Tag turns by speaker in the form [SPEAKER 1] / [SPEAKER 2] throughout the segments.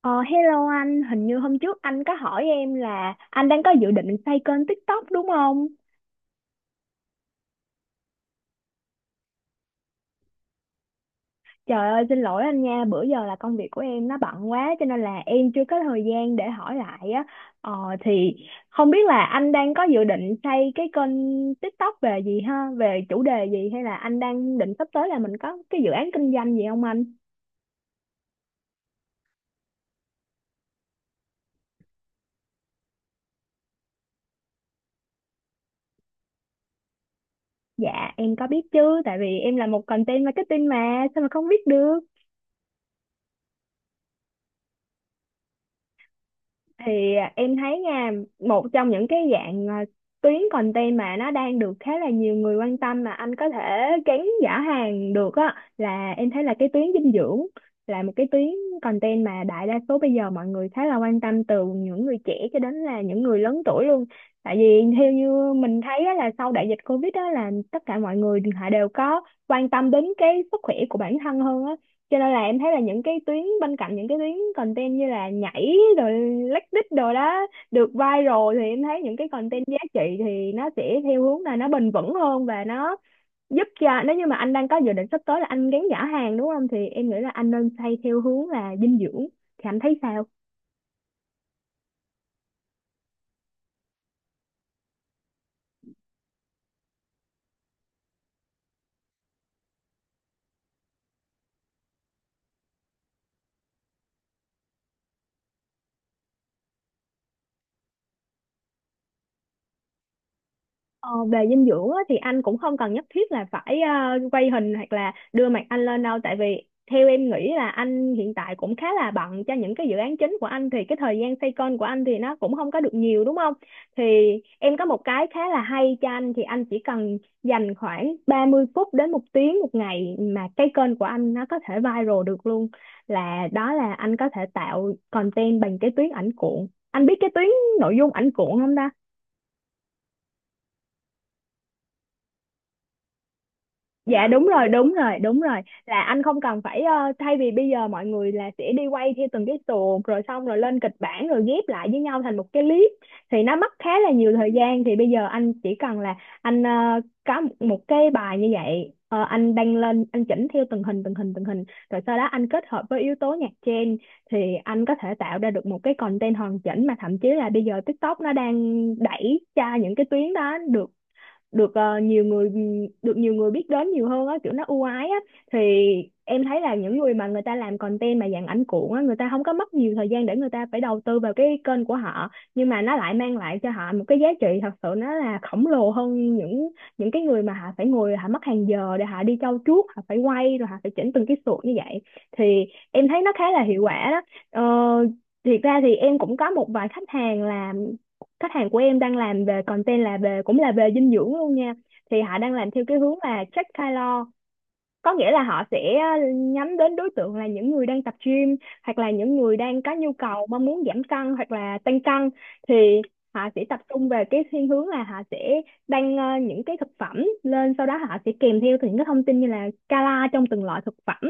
[SPEAKER 1] Ờ, hello anh, hình như hôm trước anh có hỏi em là anh đang có dự định xây kênh TikTok đúng không? Trời ơi, xin lỗi anh nha, bữa giờ là công việc của em nó bận quá cho nên là em chưa có thời gian để hỏi lại á. Ờ, thì không biết là anh đang có dự định xây cái kênh TikTok về gì ha? Về chủ đề gì hay là anh đang định sắp tới là mình có cái dự án kinh doanh gì không anh? Dạ, em có biết chứ, tại vì em là một content marketing mà, sao mà không biết được? Thì, em thấy nha, một trong những cái dạng, tuyến content mà nó đang được khá là nhiều người quan tâm mà anh có thể gắn giả hàng được á, là em thấy là cái tuyến dinh dưỡng là một cái tuyến content mà đại đa số bây giờ mọi người khá là quan tâm, từ những người trẻ cho đến là những người lớn tuổi luôn. Tại vì theo như mình thấy á, là sau đại dịch Covid đó là tất cả mọi người họ đều có quan tâm đến cái sức khỏe của bản thân hơn á, cho nên là em thấy là những cái tuyến bên cạnh những cái tuyến content như là nhảy rồi lách đích rồi đó được viral, thì em thấy những cái content giá trị thì nó sẽ theo hướng là nó bền vững hơn, và nó giúp cho nếu như mà anh đang có dự định sắp tới là anh gắn giả hàng đúng không, thì em nghĩ là anh nên xây theo hướng là dinh dưỡng. Thì anh thấy sao? Ờ, về dinh dưỡng á, thì anh cũng không cần nhất thiết là phải quay hình hoặc là đưa mặt anh lên đâu, tại vì theo em nghĩ là anh hiện tại cũng khá là bận cho những cái dự án chính của anh, thì cái thời gian xoay kênh của anh thì nó cũng không có được nhiều đúng không? Thì em có một cái khá là hay cho anh, thì anh chỉ cần dành khoảng 30 phút đến một tiếng một ngày mà cái kênh của anh nó có thể viral được luôn, là đó là anh có thể tạo content bằng cái tuyến ảnh cuộn. Anh biết cái tuyến nội dung ảnh cuộn không? Dạ đúng rồi, đúng rồi, đúng rồi. Là anh không cần phải, thay vì bây giờ mọi người là sẽ đi quay theo từng cái tuồng rồi xong rồi lên kịch bản rồi ghép lại với nhau thành một cái clip thì nó mất khá là nhiều thời gian, thì bây giờ anh chỉ cần là anh có một một cái bài như vậy, anh đăng lên anh chỉnh theo từng hình từng hình từng hình, rồi sau đó anh kết hợp với yếu tố nhạc trend thì anh có thể tạo ra được một cái content hoàn chỉnh, mà thậm chí là bây giờ TikTok nó đang đẩy cho những cái tuyến đó được được ờ, nhiều người được nhiều người biết đến nhiều hơn á, kiểu nó ưu ái á. Thì em thấy là những người mà người ta làm content mà dạng ảnh cuộn á, người ta không có mất nhiều thời gian để người ta phải đầu tư vào cái kênh của họ, nhưng mà nó lại mang lại cho họ một cái giá trị thật sự nó là khổng lồ hơn những cái người mà họ phải ngồi họ mất hàng giờ để họ đi trau chuốt, họ phải quay rồi họ phải chỉnh từng cái sụt như vậy. Thì em thấy nó khá là hiệu quả đó. ờ, Thiệt ra thì em cũng có một vài khách hàng là khách hàng của em đang làm về content là về cũng là về dinh dưỡng luôn nha, thì họ đang làm theo cái hướng là track calo, có nghĩa là họ sẽ nhắm đến đối tượng là những người đang tập gym, hoặc là những người đang có nhu cầu mong muốn giảm cân hoặc là tăng cân. Thì họ sẽ tập trung về cái thiên hướng là họ sẽ đăng những cái thực phẩm lên, sau đó họ sẽ kèm theo những cái thông tin như là cala trong từng loại thực phẩm,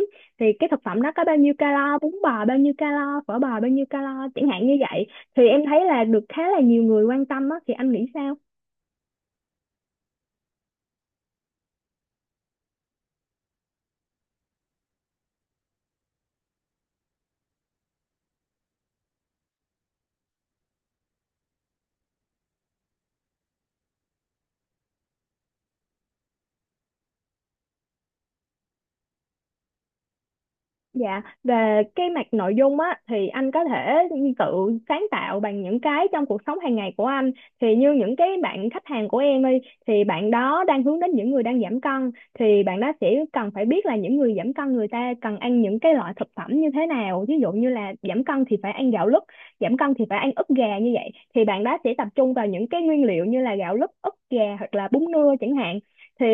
[SPEAKER 1] thì cái thực phẩm đó có bao nhiêu cala, bún bò bao nhiêu cala, phở bò bao nhiêu cala chẳng hạn như vậy. Thì em thấy là được khá là nhiều người quan tâm á, thì anh nghĩ sao? Dạ, về cái mặt nội dung á, thì anh có thể tự sáng tạo bằng những cái trong cuộc sống hàng ngày của anh. Thì như những cái bạn khách hàng của em đi, thì bạn đó đang hướng đến những người đang giảm cân, thì bạn đó sẽ cần phải biết là những người giảm cân người ta cần ăn những cái loại thực phẩm như thế nào. Ví dụ như là giảm cân thì phải ăn gạo lứt, giảm cân thì phải ăn ức gà như vậy. Thì bạn đó sẽ tập trung vào những cái nguyên liệu như là gạo lứt, ức gà hoặc là bún nưa chẳng hạn. Thì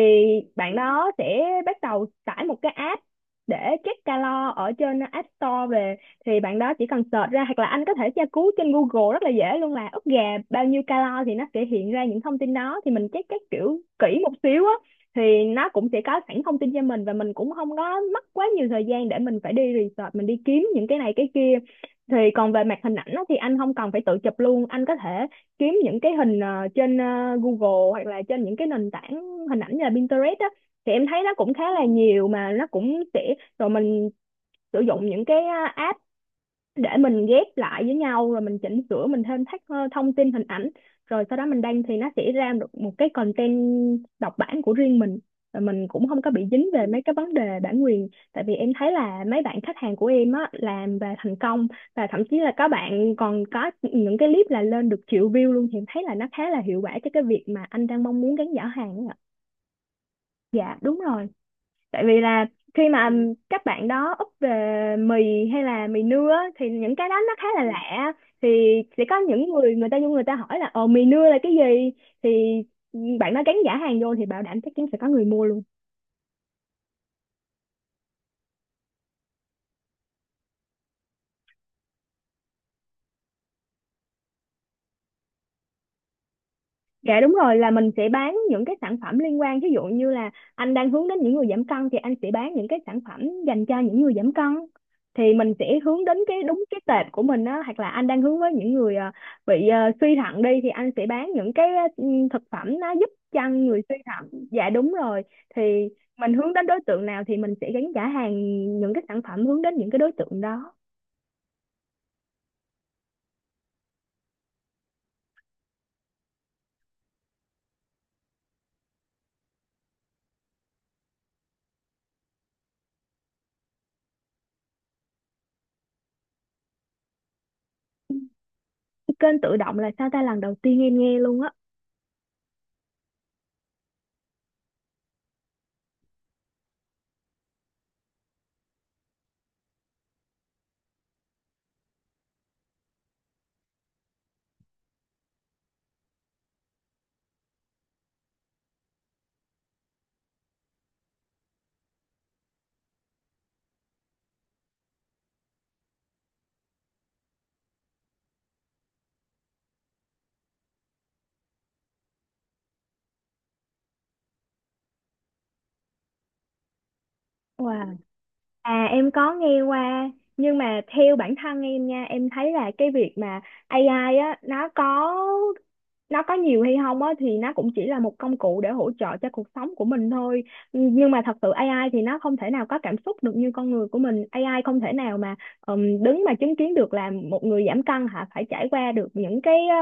[SPEAKER 1] bạn đó sẽ bắt đầu tải một cái app để check calo ở trên App Store về, thì bạn đó chỉ cần search ra, hoặc là anh có thể tra cứu trên Google rất là dễ luôn, là ức gà bao nhiêu calo thì nó sẽ hiện ra những thông tin đó. Thì mình check các kiểu kỹ một xíu á, thì nó cũng sẽ có sẵn thông tin cho mình, và mình cũng không có mất quá nhiều thời gian để mình phải đi research mình đi kiếm những cái này cái kia. Thì còn về mặt hình ảnh á, thì anh không cần phải tự chụp luôn, anh có thể kiếm những cái hình trên Google hoặc là trên những cái nền tảng hình ảnh như là Pinterest á, thì em thấy nó cũng khá là nhiều mà nó cũng sẽ... Rồi mình sử dụng những cái app để mình ghép lại với nhau, rồi mình chỉnh sửa mình thêm thắt thông tin hình ảnh, rồi sau đó mình đăng thì nó sẽ ra được một cái content độc bản của riêng mình, rồi mình cũng không có bị dính về mấy cái vấn đề bản quyền, tại vì em thấy là mấy bạn khách hàng của em á làm và thành công, và thậm chí là các bạn còn có những cái clip là lên được triệu view luôn. Thì em thấy là nó khá là hiệu quả cho cái việc mà anh đang mong muốn gắn giả hàng ấy ạ. Dạ đúng rồi. Tại vì là khi mà các bạn đó úp về mì hay là mì nưa á, thì những cái đó nó khá là lạ, thì sẽ có những người, người ta vô người ta hỏi là ồ mì nưa là cái gì, thì bạn đó gắn giả hàng vô thì bảo đảm chắc chắn sẽ có người mua luôn. Dạ đúng rồi, là mình sẽ bán những cái sản phẩm liên quan, ví dụ như là anh đang hướng đến những người giảm cân thì anh sẽ bán những cái sản phẩm dành cho những người giảm cân, thì mình sẽ hướng đến cái đúng cái tệp của mình đó. Hoặc là anh đang hướng với những người bị suy thận đi thì anh sẽ bán những cái thực phẩm nó giúp cho người suy thận. Dạ đúng rồi, thì mình hướng đến đối tượng nào thì mình sẽ gắn trả hàng những cái sản phẩm hướng đến những cái đối tượng đó. Kênh tự động là sao ta? Lần đầu tiên em nghe luôn á. Wow. À em có nghe qua, nhưng mà theo bản thân em nha, em thấy là cái việc mà AI á nó có nhiều hay không á, thì nó cũng chỉ là một công cụ để hỗ trợ cho cuộc sống của mình thôi, nhưng mà thật sự AI thì nó không thể nào có cảm xúc được như con người của mình. AI không thể nào mà đứng mà chứng kiến được là một người giảm cân hả phải trải qua được những cái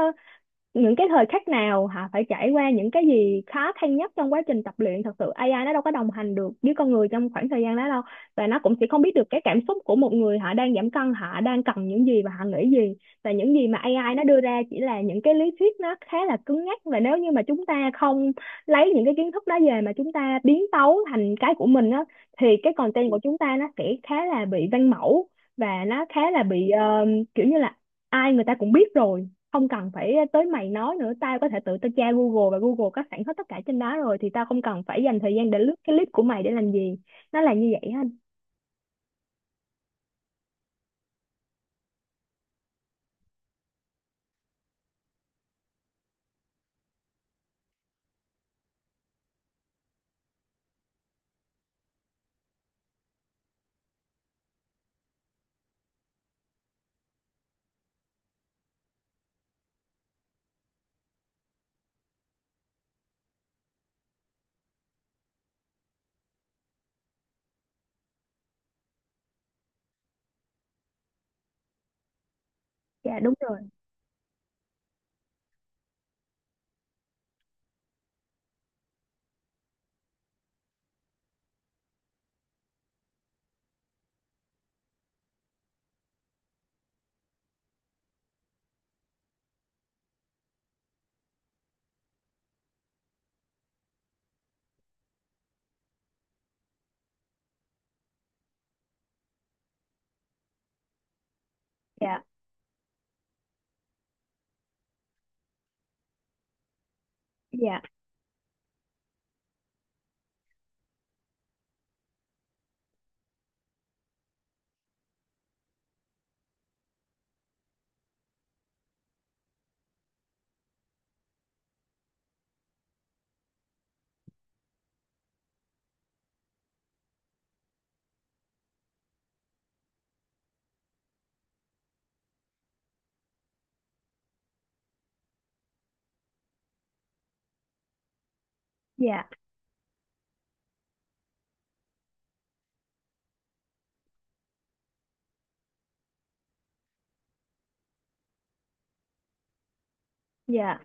[SPEAKER 1] những cái thời khắc nào, hả phải trải qua những cái gì khó khăn nhất trong quá trình tập luyện. Thật sự AI nó đâu có đồng hành được với con người trong khoảng thời gian đó đâu, và nó cũng sẽ không biết được cái cảm xúc của một người, họ đang giảm cân họ đang cần những gì và họ nghĩ gì. Và những gì mà AI nó đưa ra chỉ là những cái lý thuyết, nó khá là cứng nhắc, và nếu như mà chúng ta không lấy những cái kiến thức đó về mà chúng ta biến tấu thành cái của mình á, thì cái content của chúng ta nó sẽ khá là bị văn mẫu, và nó khá là bị kiểu như là ai người ta cũng biết rồi, không cần phải tới mày nói nữa, tao có thể tự tao tra Google và Google có sẵn hết tất cả trên đó rồi, thì tao không cần phải dành thời gian để lướt cái clip của mày để làm gì. Nó là như vậy ha. Dạ đúng rồi. Dạ, dạ, dạ, dạ.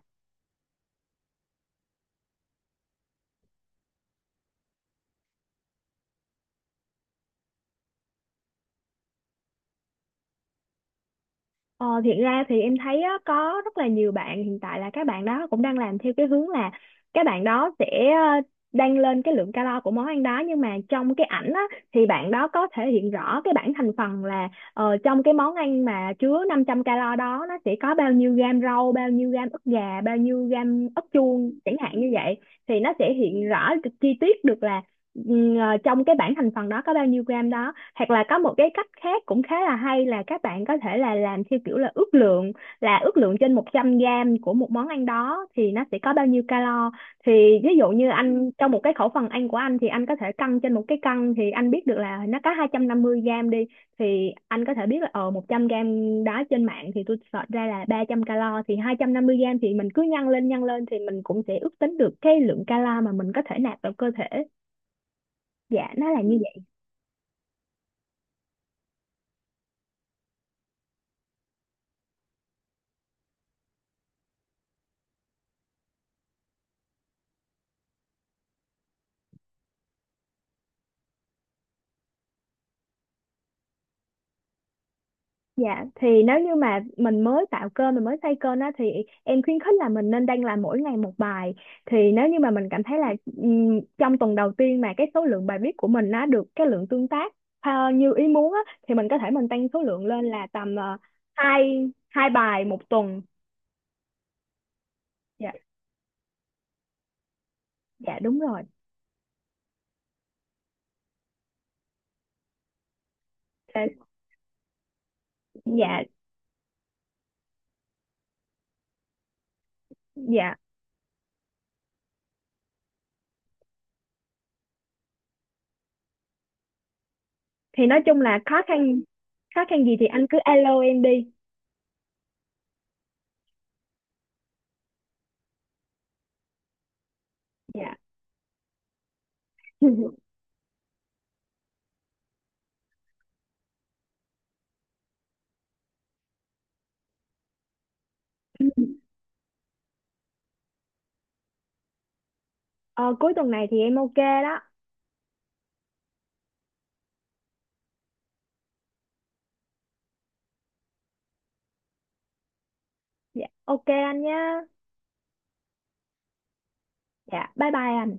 [SPEAKER 1] Ờ, Thiệt ra thì em thấy á, có rất là nhiều bạn hiện tại là các bạn đó cũng đang làm theo cái hướng là các bạn đó sẽ ờ, đang lên cái lượng calo của món ăn đó, nhưng mà trong cái ảnh á, thì bạn đó có thể hiện rõ cái bảng thành phần là trong cái món ăn mà chứa 500 calo đó, nó sẽ có bao nhiêu gam rau, bao nhiêu gam ức gà, bao nhiêu gam ức chuông chẳng hạn như vậy. Thì nó sẽ hiện rõ chi tiết được là trong cái bảng thành phần đó có bao nhiêu gram đó. Hoặc là có một cái cách khác cũng khá là hay, là các bạn có thể là làm theo kiểu là ước lượng, là ước lượng trên 100 gram của một món ăn đó thì nó sẽ có bao nhiêu calo. Thì ví dụ như anh trong một cái khẩu phần ăn của anh thì anh có thể cân trên một cái cân, thì anh biết được là nó có 250 gram đi, thì anh có thể biết là 100 gram đó trên mạng thì tôi search ra là 300 calo, thì 250 gram thì mình cứ nhân lên thì mình cũng sẽ ước tính được cái lượng calo mà mình có thể nạp vào cơ thể. Dạ nó là như... Dạ thì nếu như mà mình mới tạo kênh mình mới xây kênh á, thì em khuyến khích là mình nên đăng làm mỗi ngày một bài. Thì nếu như mà mình cảm thấy là trong tuần đầu tiên mà cái số lượng bài viết của mình nó được cái lượng tương tác như ý muốn á, thì mình có thể mình tăng số lượng lên là tầm hai hai bài một tuần. Dạ. Dạ đúng rồi. Ờ, dạ. Dạ. Thì nói chung là khó khăn. Khó khăn gì thì anh cứ alo em đi. Dạ. Ờ, cuối tuần này thì em ok đó. Dạ ok anh nhá. Dạ bye bye anh.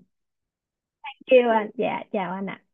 [SPEAKER 1] Kêu anh, dạ chào anh ạ.